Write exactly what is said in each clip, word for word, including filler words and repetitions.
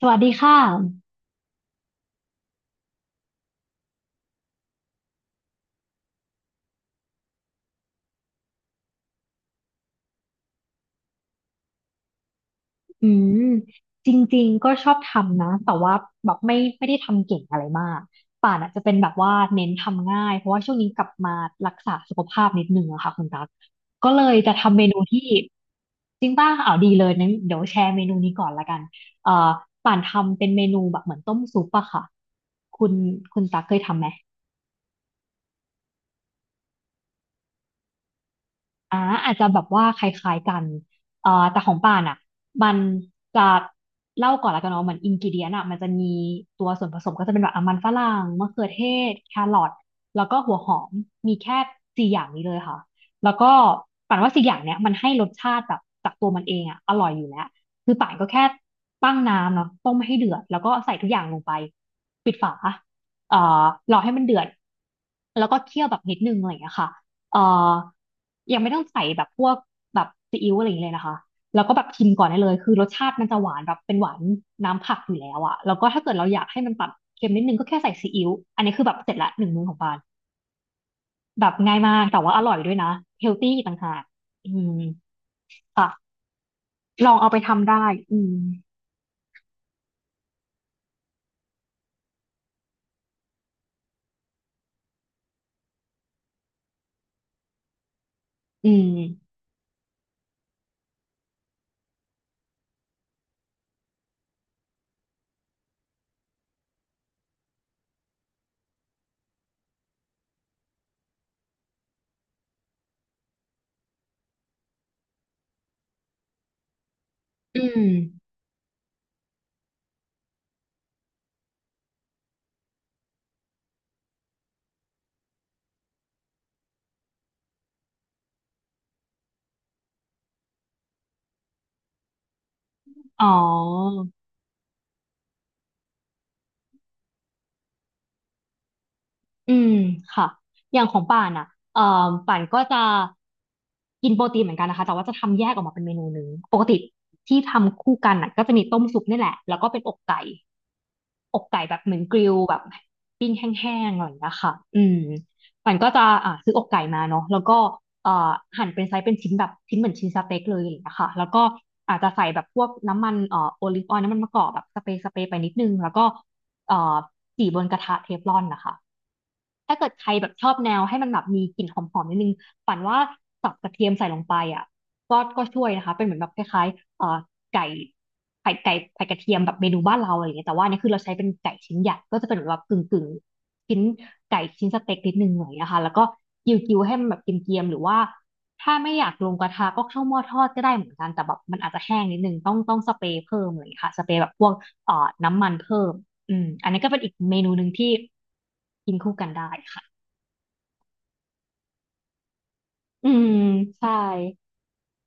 สวัสดีค่ะอืมจริงๆ ก็ชอบทำนะ แต่ว่าแบบไม่ไม่ได้ทำเก่งอะไรมาก ป่านอ่ะจะเป็นแบบว่าเน้นทำง่าย เพราะว่าช่วงนี้กลับมารักษาสุขภาพนิดนึงอะค่ะคุณตั๊กก็เลยจะทำเมนูที่จริงป่ะอ้าวดีเลยนั้นเดี๋ยวแชร์เมนูนี้ก่อนละกันเอ่อป่านทำเป็นเมนูแบบเหมือนต้มซุปอะค่ะ คุณคุณตั๊กเคยทำไหม อ่าอาจจะแบบว่าคล้ายๆกันเอ่อแต่ของป่านอ่ะมันจะเล่าก่อนละกันเนาะเหมือนอินกิเดียนอ่ะมันจะมีตัวส่วนผสมก็จะเป็นแบบอ่ะมันฝรั่งมะเขือเทศแครอทแล้วก็หัวหอมมีแค่สี่อย่างนี้เลยค่ะแล้วก็ป่านว่าสี่อย่างเนี้ยมันให้รสชาติแบบจากตัวมันเองอ่ะอร่อยอยู่แล้วคือป่านก็แค่ตั้งน้ำเนาะต้มให้เดือดแล้วก็ใส่ทุกอย่างลงไปปิดฝาเอ่อรอให้มันเดือดแล้วก็เคี่ยวแบบนิดนึงอะไรอย่างเงี้ยค่ะ เอ่อยังไม่ต้องใส่แบบพวกแบบซีอิ๊วอะไรอย่างเงี้ยเลยนะคะ แล้วก็แบบชิมก่อนได้เลยคือรสชาติมันจะหวานแบบเป็นหวานน้ำผักอยู่แล้วอะแล้วก็ถ้าเกิดเราอยากให้มันตัดเค็มนิดนึงก็แค่ใส่ซีอิ๊วอันนี้คือแบบเสร็จละหนึ่งมื้อของปานแบบง่ายมาก แต่ว่าอร่อยด้วยนะเฮลตี้ต่างหากอืมค่ะลองเอาไปทำได้ อืมอืมอืมอ๋อ อืมค่ะอย่างของป่านอ่ะเอ่อป่านก็จะกินโปรตีนเหมือนกันนะคะแต่ว่าจะทำแยกออกมาเป็นเมนูหนึ่งปกติที่ทำคู่กันน่ะก็จะมีต้มซุปนี่แหละแล้วก็เป็นอกไก่อกไก่แบบเหมือนกริลแบบปิ้งแห้งๆอะไรอยีค่ะอืมมันก็จะอ่าซื้ออกไก่มาเนาะแล้วก็เอ่อหั่นเป็นไซส์เป็นชิ้นแบบชิ้นเหมือนชิ้นสเต็กเลยอะไรอย่างเงี้ยค่ะแล้วก็อาจจะใส่แบบพวกน้ำมันเอ่อโอลิฟออยล์น้ำมันมะกอกแบบสเปรย์สเปรย์ไปนิดนึงแล้วก็เอ่อจี่บนกระทะเทฟลอนนะคะ ถ้าเกิดใครแบบชอบแนวให้มันแบบมีกลิ่นหอมๆนิดนึงฝันว่าสับกระเทียมใส่ลงไปอ่ะก็ก็ช่วยนะคะเป็นเหมือนแบบคล้ายๆเอ่อไก่ไข่ไก่ไข่กระเทียมแบบเมนูบ้านเราอะไรอย่างเงี้ยแต่ว่าอันนี่คือเราใช้เป็นไก่ชิ้นใหญ่ก็จะเป็นแบบากึ่งกึ่งชิ้นไก่ชิ้นสเต็กนิดนึงหน่อยนะคะแล้วก็กิ้วกิ้วให้มันแบบเกรียมๆหรือว่าถ้าไม่อยากลงกระทะก็เข้าหม้อทอดก็ได้เหมือนกันแต่แบบมันอาจจะแห้งนิดนึงต้องต้องสเปรย์เพิ่มอะไรอย่างเลยค่ะสเปรย์แบบพวกเอ่อน้ำมันเพิ่ม อืมอันนี้ก็เป็นอีกเมนูหนึ่งที่กินคู่กันได้ค่ะอืมใช่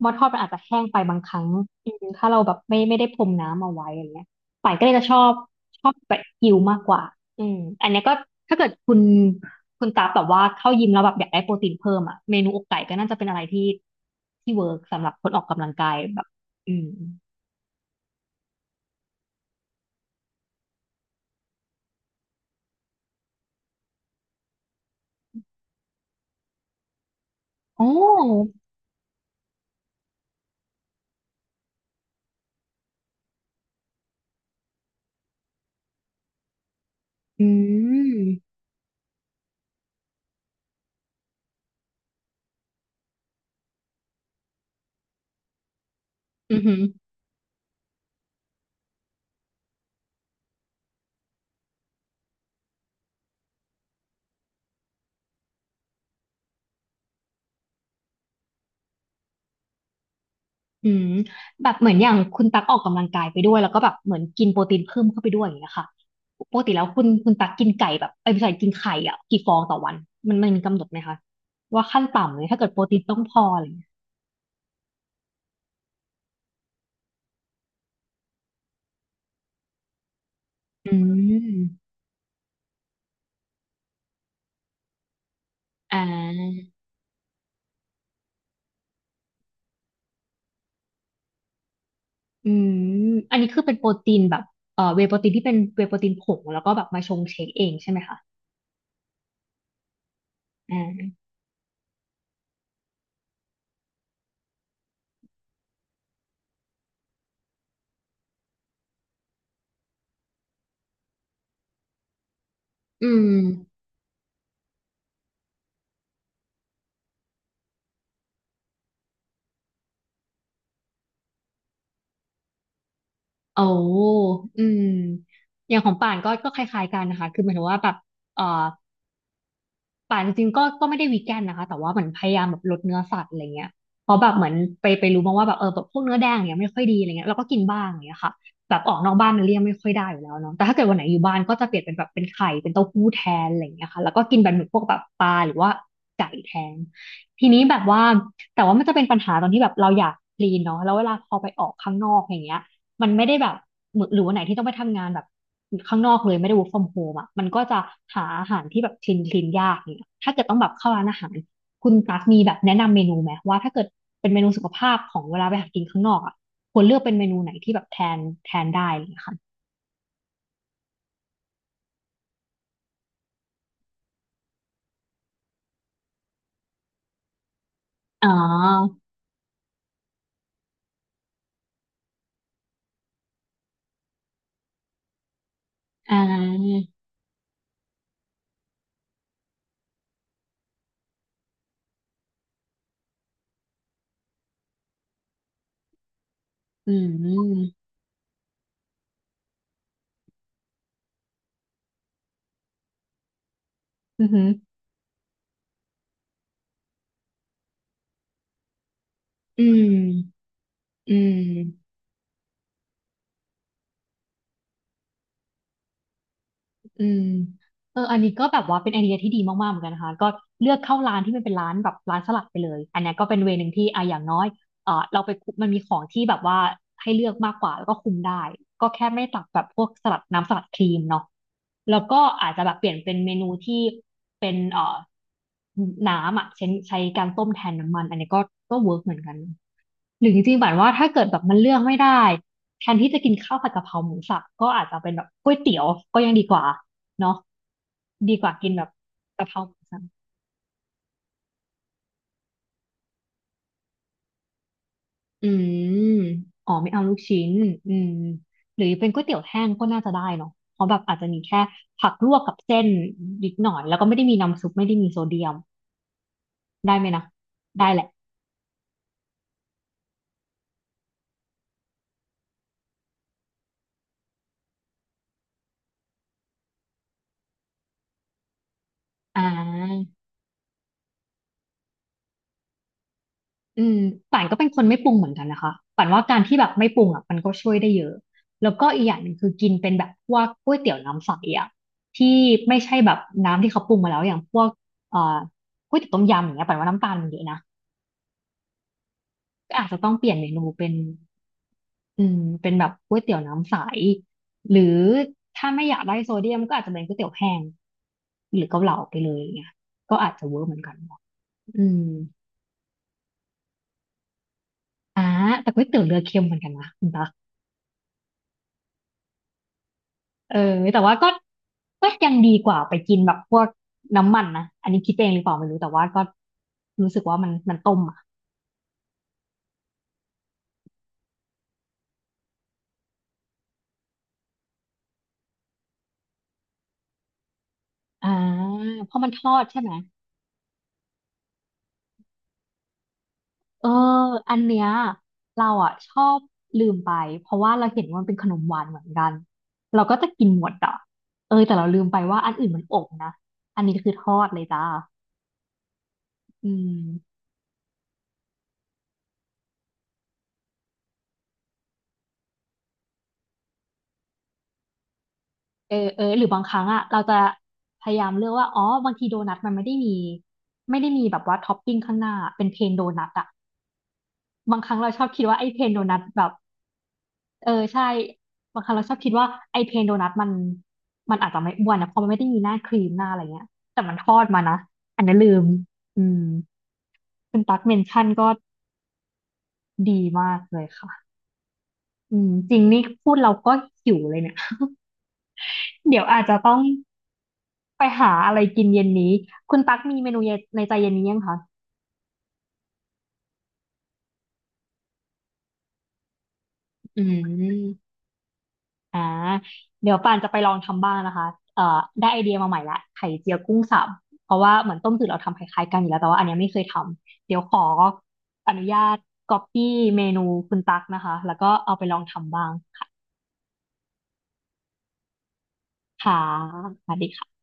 หม้อทอดมันอาจจะแห้งไปบางครั้งอืมถ้าเราแบบไม่ไม่ได้พรมน้ำเอาไว้อะไรเงี้ยป่ายก็เลยจะชอบชอบแบบกิวมากกว่าอืมอันเนี้ยก็ถ้าเกิดคุณคุณตาแบบว่าเข้ายิมแล้วแบบอยากได้โปรตีนเพิ่มอ่ะเมนูอกไก่ก็น่าจะเป็นอะไรที่ที่เวิร์กสำหรับคนออกกำลังกายแบบอืมโอ้อืมอือหือ อืมแบบเหมือนอย่างคุณตักออกกำลังกายไปด้วยแล้วก็แบบเหมือนกินโปรตีนเพิ่มเข้าไปด้วยอย่างเงี้ยค่ะปกติแล้วคุณคุณตักกินไก่แบบไอ้ยไม่ใช่กินไข่อ่ะกี่ฟองต่อวันมันมันมีกำหนดไหมคะว่าขั้นต่ำเลยถ้าเกิดโปรตีนต้องพออะไรอย่างเงี้ยอืมอ่าอืมอันนี้คือเป็นโปรตีนแบบเอ่อเวย์โปรตีนที่เป็นเวย์โปรตีนผงแล้วก็แบบมาชงเชคเองใช่ไหมคะอ่าอืมโอ้อืมอย่างของป่านก็ก็คล้ายๆกันนะคะคือหมายถึงว่าแบบเอ่อ ป่านจริงๆก็ก็ไม่ได้วีแกนนะคะแต่ว่าเหมือนพยายามแบบลดเนื้อสัตว์อะไรเงี้ยเพราะแบบเหมือนไปไปรู้มาว่าแบบเออแบบพวกเนื้อแดงเนี่ยไม่ค่อยดีอะไรเงี้ยเราก็กินบ้างอย่างเงี้ยค่ะแบบออกนอกบ้านเนี่ยเลี่ยงไม่ค่อยได้อยู่แล้วเนาะแต่ถ้าเกิดวันไหนอยู่บ้านก็จะเปลี่ยนเป็นแบบเป็นไข่เป็นเต้าหู้แทนอะไรเงี้ยค่ะแล้วก็กินแบบเหมือนพวกแบบปลาหรือว่าไก่แทนทีนี้แบบว่าแต่ว่ามันจะเป็นปัญหาตอนที่แบบเราอยากคลีนเนาะแล้วเวลาพอไปออกข้างนอกอย่างเงี้ย มันไม่ได้แบบเหมือนหรือวันไหนที่ต้องไปทำงานแบบข้างนอกเลยไม่ได้ work from home อ่ะมันก็จะหาอาหารที่แบบคลีนคลีนยากเนี่ยถ้าเกิดต้องแบบเข้าร้านอาหารคุณตั๊กมีแบบแนะนำเมนูไหมว่าถ้าเกิดเป็นเมนูสุขภาพของเวลาไปหากินข้างนอกอ่ะควรเลือกเป็นเมนูไหนที่แบบแทนแทนได้อะไรอย่างเลยค่ะอ๋ออ่าอืมอืมอหืออืมอืม อืมเอออันนี้ก็แบบว่าเป็นไอเดียที่ดีมากๆเหมือนกันนะคะก็เลือกเข้าร้านที่มันเป็นร้านแบบร้านสลัดไปเลยอันเนี้ยก็เป็นเวย์หนึ่งที่อ่ะอย่างน้อยเออเราไปคุมันมีของที่แบบว่าให้เลือกมากกว่าแล้วก็คุมได้ ก็แค่ไม่ตักแบบพวกสลัดน้ำสลัดครีมเนาะแล้วก็อาจจะแบบเปลี่ยนเป็นเมนูที่เป็นเอ่อน้ำอ่ะใช้ใช้การต้มแทนน้ำมันอันนี้ก็ก็เวิร์กเหมือนกันหรือจริงๆแบบว่าถ้าเกิดแบบมันเลือกไม่ได้แทนที่จะกินข้าวผัดกะเพราหมูสับก็อาจจะเป็นแบบก๋วยเตี๋ยวก็ยังดีกว่า เนาะดีกว่ากินแบบกะเพราหมูสับอืมอ๋อไม่เอาลูกชิ้นอืมหรือเป็นก๋วยเตี๋ยวแห้งก็น่าจะได้เนาะเพราะแบบอาจจะมีแค่ผักลวกกับเส้นนิดหน่อยแล้วก็ไม่ได้มีน้ำซุปไม่ได้มีโซเดียมได้ไหมนะได้แหละอ่า อืมป่านก็เป็นคนไม่ปรุงเหมือนกันนะคะป่านว่าการที่แบบไม่ปรุงอ่ะมันก็ช่วยได้เยอะแล้วก็อีกอย่างหนึ่งคือกินเป็นแบบพวกก๋วยเตี๋ยวน้ำใสอ่ะที่ไม่ใช่แบบน้ำที่เขาปรุงมาแล้วอย่างพวกเอ่อก๋วยเตี๋ยวต้มยำอย่างเงี้ยป่านว่าน้ำตาลมันเยอะนะก็อาจจะต้องเปลี่ยนเมนูเป็นอืมเป็นแบบก๋วยเตี๋ยวน้ำใสหรือถ้าไม่อยากได้โซเดียมก็อาจจะเป็นก๋วยเตี๋ยวแห้งหรือเกาเหลาไปเลยอย่างเงี้ยก็อาจจะเวิร์กเหมือนกันเนอะอืมอ่าแต่ก๋วยเตี๋ยวเรือเค็มเหมือนกันนะคุณตา เออแต่ว่าก็ก็ยังดีกว่าไปกินแบบพวกน้ำมันนะอันนี้คิดเองหรือเปล่าไม่รู้แต่ว่าก็รู้สึกว่ามันมันต้มอ่ะอ่าเพราะมันทอดใช่ไหมเอออันเนี้ยเราอ่ะชอบลืมไปเพราะว่าเราเห็นว่ามันเป็นขนมหวานเหมือนกันเราก็จะกินหมดอ่ะเออแต่เราลืมไปว่าอันอื่นมันอบนะอันนี้คือทอดเลยจ้าอืม เออเออหรือบางครั้งอ่ะเราจะพยายามเลือกว่าอ๋อบางทีโดนัทมันไม่ได้มีไม่ได้มีแบบว่าท็อปปิ้งข้างหน้าเป็นเพนโดนัทอ่ะบางครั้งเราชอบคิดว่าไอ้เพนโดนัทแบบเออใช่บางครั้งเราชอบคิดว่าไอ้เพนโดนัทมันมันอาจจะไม่อ้วนนะเพราะมันไม่ได้มีหน้าครีมหน้าอะไรเงี้ยแต่มันทอดมานะอันนั้นลืมอืมคุณตั๊กเมนชั่นก็ดีมากเลยค่ะอืมจริงนี่พูดเราก็หิวเลยเนี่ย เดี๋ยวอาจจะต้องไปหาอะไรกินเย็นนี้คุณตั๊กมีเมนูเย็นในใจเย็นนี้ยังคะ อืมอ่าเดี๋ยวป่านจะไปลองทำบ้างนะคะเอ่อได้ไอเดียมาใหม่ละไข่เจียวกุ้งสับเพราะว่าเหมือนต้มจืดเราทำคล้ายๆกันอยู่แล้วแต่ว่าอันเนี้ยไม่เคยทำเดี๋ยวขออนุญาตก๊อปปี้เมนูคุณตั๊กนะคะแล้วก็เอาไปลองทำบ้างค่ะสวัสดีค่ะ